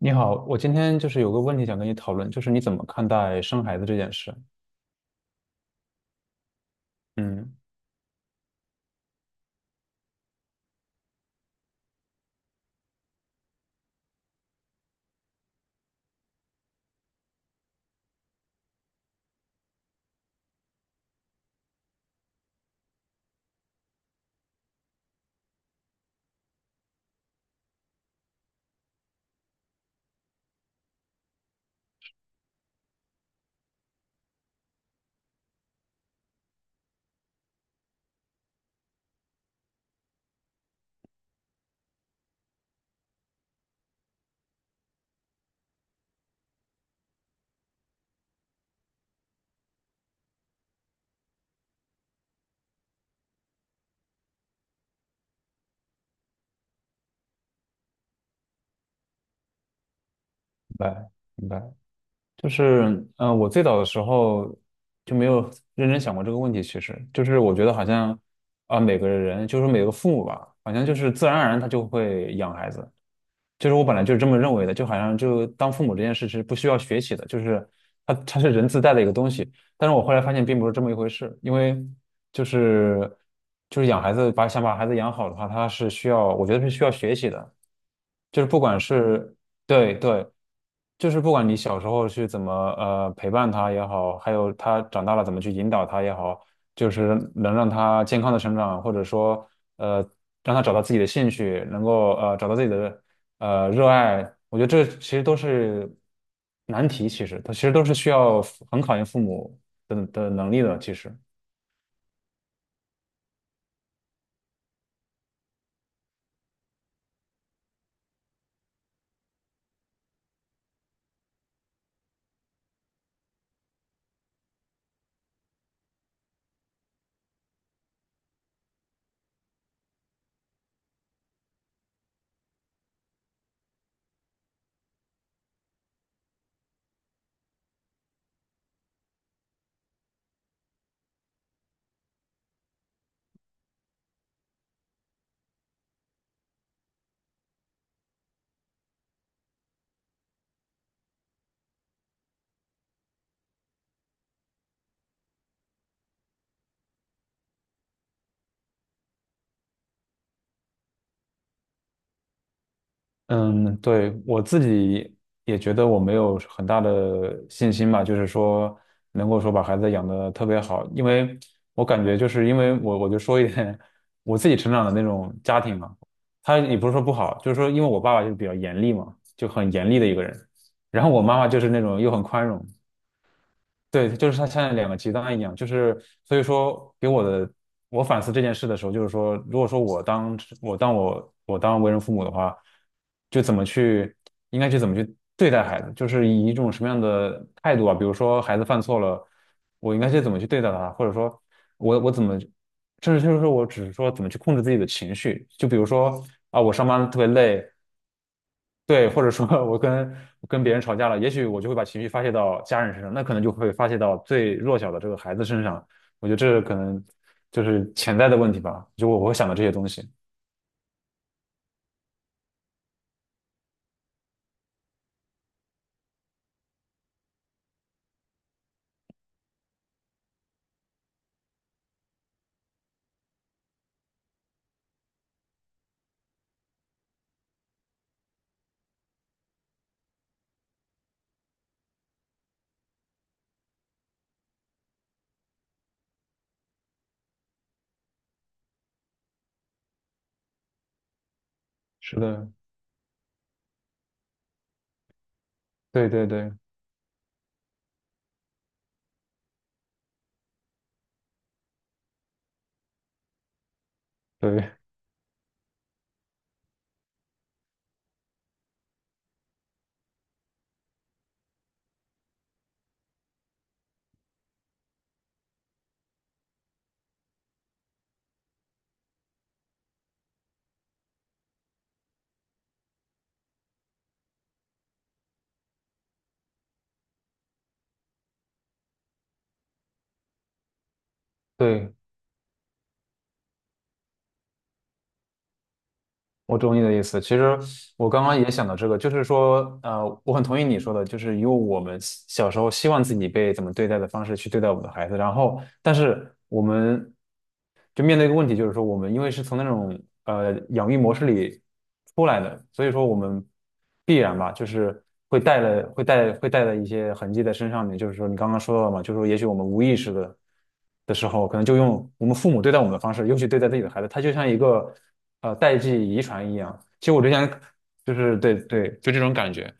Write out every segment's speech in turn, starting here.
你好，我今天就是有个问题想跟你讨论，就是你怎么看待生孩子这件事？嗯，明白，明白。就是，我最早的时候就没有认真想过这个问题。其实，就是我觉得好像啊、每个人，就是每个父母吧，好像就是自然而然他就会养孩子，就是我本来就是这么认为的，就好像就当父母这件事是不需要学习的，就是它是人自带的一个东西。但是我后来发现并不是这么一回事，因为就是就是养孩子把想把孩子养好的话，他是需要我觉得是需要学习的，就是不管是对对，就是不管你小时候去怎么陪伴他也好，还有他长大了怎么去引导他也好，就是能让他健康的成长，或者说呃让他找到自己的兴趣，能够找到自己的。热爱，我觉得这其实都是难题，其实它其实都是需要很考验父母的能力的。其实，嗯，对，我自己也觉得我没有很大的信心吧，就是说能够说把孩子养得特别好，因为我感觉就是因为我就说一点 我自己成长的那种家庭嘛，他也不是说不好，就是说因为我爸爸就是比较严厉嘛，就很严厉的一个人，然后我妈妈就是那种又很宽容。对，就是它像两个极端一样，就是所以说给我的，我反思这件事的时候，就是说，如果说我当我当我我当为人父母的话，就怎么去应该去怎么去对待孩子，就是以一种什么样的态度啊？比如说孩子犯错了，我应该去怎么去对待他，或者说我怎么，甚至就是说我只是说怎么去控制自己的情绪，就比如说啊，我上班特别累，对，或者说 我跟别人吵架了，也许我就会把情绪发泄到家人身上，那可能就会发泄到最弱小的这个孩子身上。我觉得这可能就是潜在的问题吧，就我会想到这些东西。是的，对对对对对，我懂你的意思。其实我刚刚也想到这个，就是说，我很同意你说的，就是以我们小时候希望自己被怎么对待的方式去对待我们的孩子，然后，但是我们。就面对一个问题，就是说我们因为是从那种养育模式里出来的，所以说我们必然吧，就是会带了一些痕迹在身上面。就是说你刚刚说到了嘛，就是说也许我们无意识的时候，可能就用我们父母对待我们的方式，尤其对待自己的孩子，他就像一个代际遗传一样。其实我之前就是对对，就这种感觉。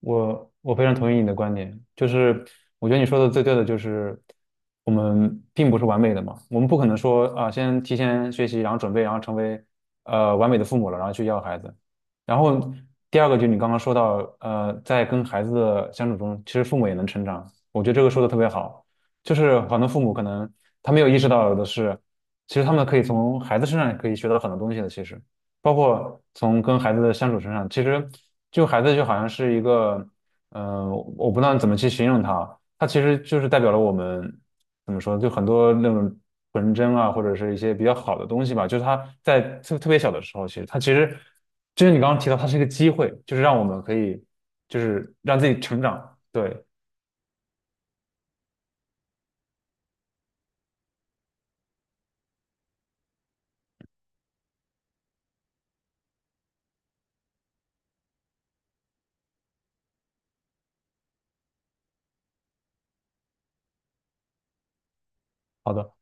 我非常同意你的观点，就是我觉得你说的最对的就是我们并不是完美的嘛，我们不可能说啊、先提前学习，然后准备，然后成为完美的父母了，然后去要孩子。然后第二个就是你刚刚说到，在跟孩子的相处中，其实父母也能成长，我觉得这个说的特别好，就是很多父母可能他没有意识到的是，其实他们可以从孩子身上也可以学到很多东西的，其实。包括从跟孩子的相处身上，其实就孩子就好像是一个，嗯、我不知道怎么去形容他，他其实就是代表了我们怎么说，就很多那种纯真啊，或者是一些比较好的东西吧。就是他在特特别小的时候，其实他其实，就是你刚刚提到，他是一个机会，就是让我们可以，就是让自己成长。对，好的，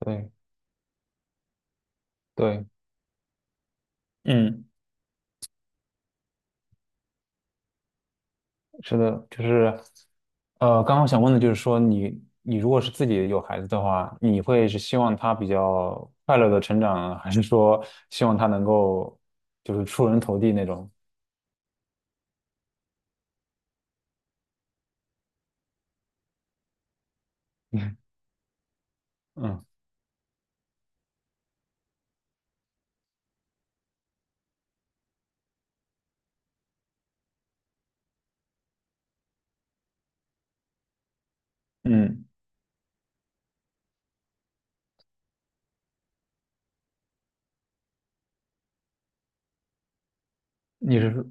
对对，嗯。是的，就是，刚刚想问的就是说你，你如果是自己有孩子的话，你会是希望他比较快乐的成长，还是说希望他能够就是出人头地那种？嗯嗯，嗯，你是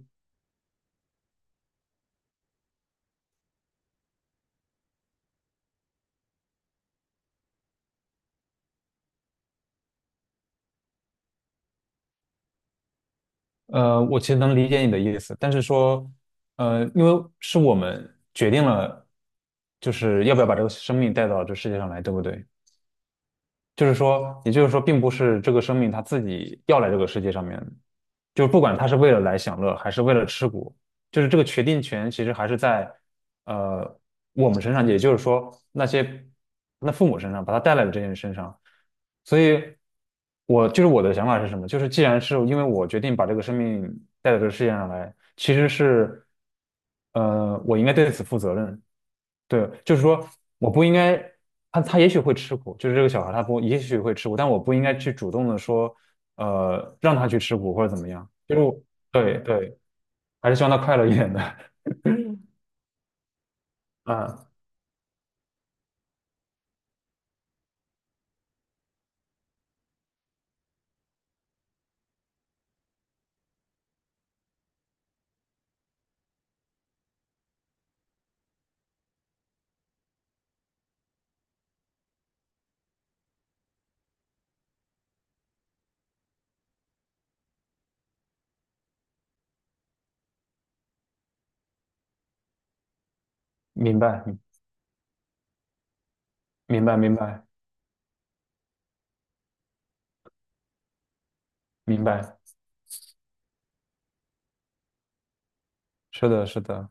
我其实能理解你的意思，但是说，因为是我们决定了，就是要不要把这个生命带到这世界上来，对不对？就是说，也就是说，并不是这个生命它自己要来这个世界上面，就是不管它是为了来享乐还是为了吃苦，就是这个决定权其实还是在呃我们身上，也就是说那些那父母身上把他带来的这些人身上。所以我就是我的想法是什么？就是既然是因为我决定把这个生命带到这个世界上来，其实是我应该对此负责任。对，就是说我不应该，他也许会吃苦，就是这个小孩他不也许会吃苦，但我不应该去主动的说，让他去吃苦或者怎么样，就是我对对，还是希望他快乐一点的。嗯，明白，明白，明白，明白，是的，是的，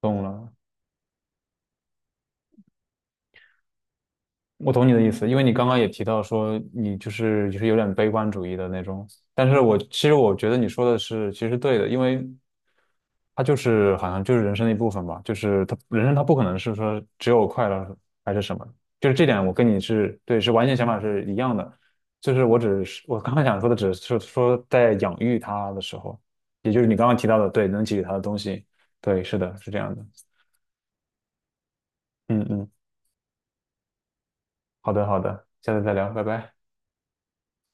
懂了。我懂你的意思，因为你刚刚也提到说你就是有点悲观主义的那种，但是我其实我觉得你说的是其实对的，因为它就是好像就是人生的一部分吧，就是它人生它不可能是说只有快乐还是什么，就是这点我跟你是对是完全想法是一样的，就是我只是我刚刚想说的只是说在养育它的时候，也就是你刚刚提到的，对，能给予它的东西，对，是的，是这样的，嗯嗯，好的好的，下次再聊，拜拜。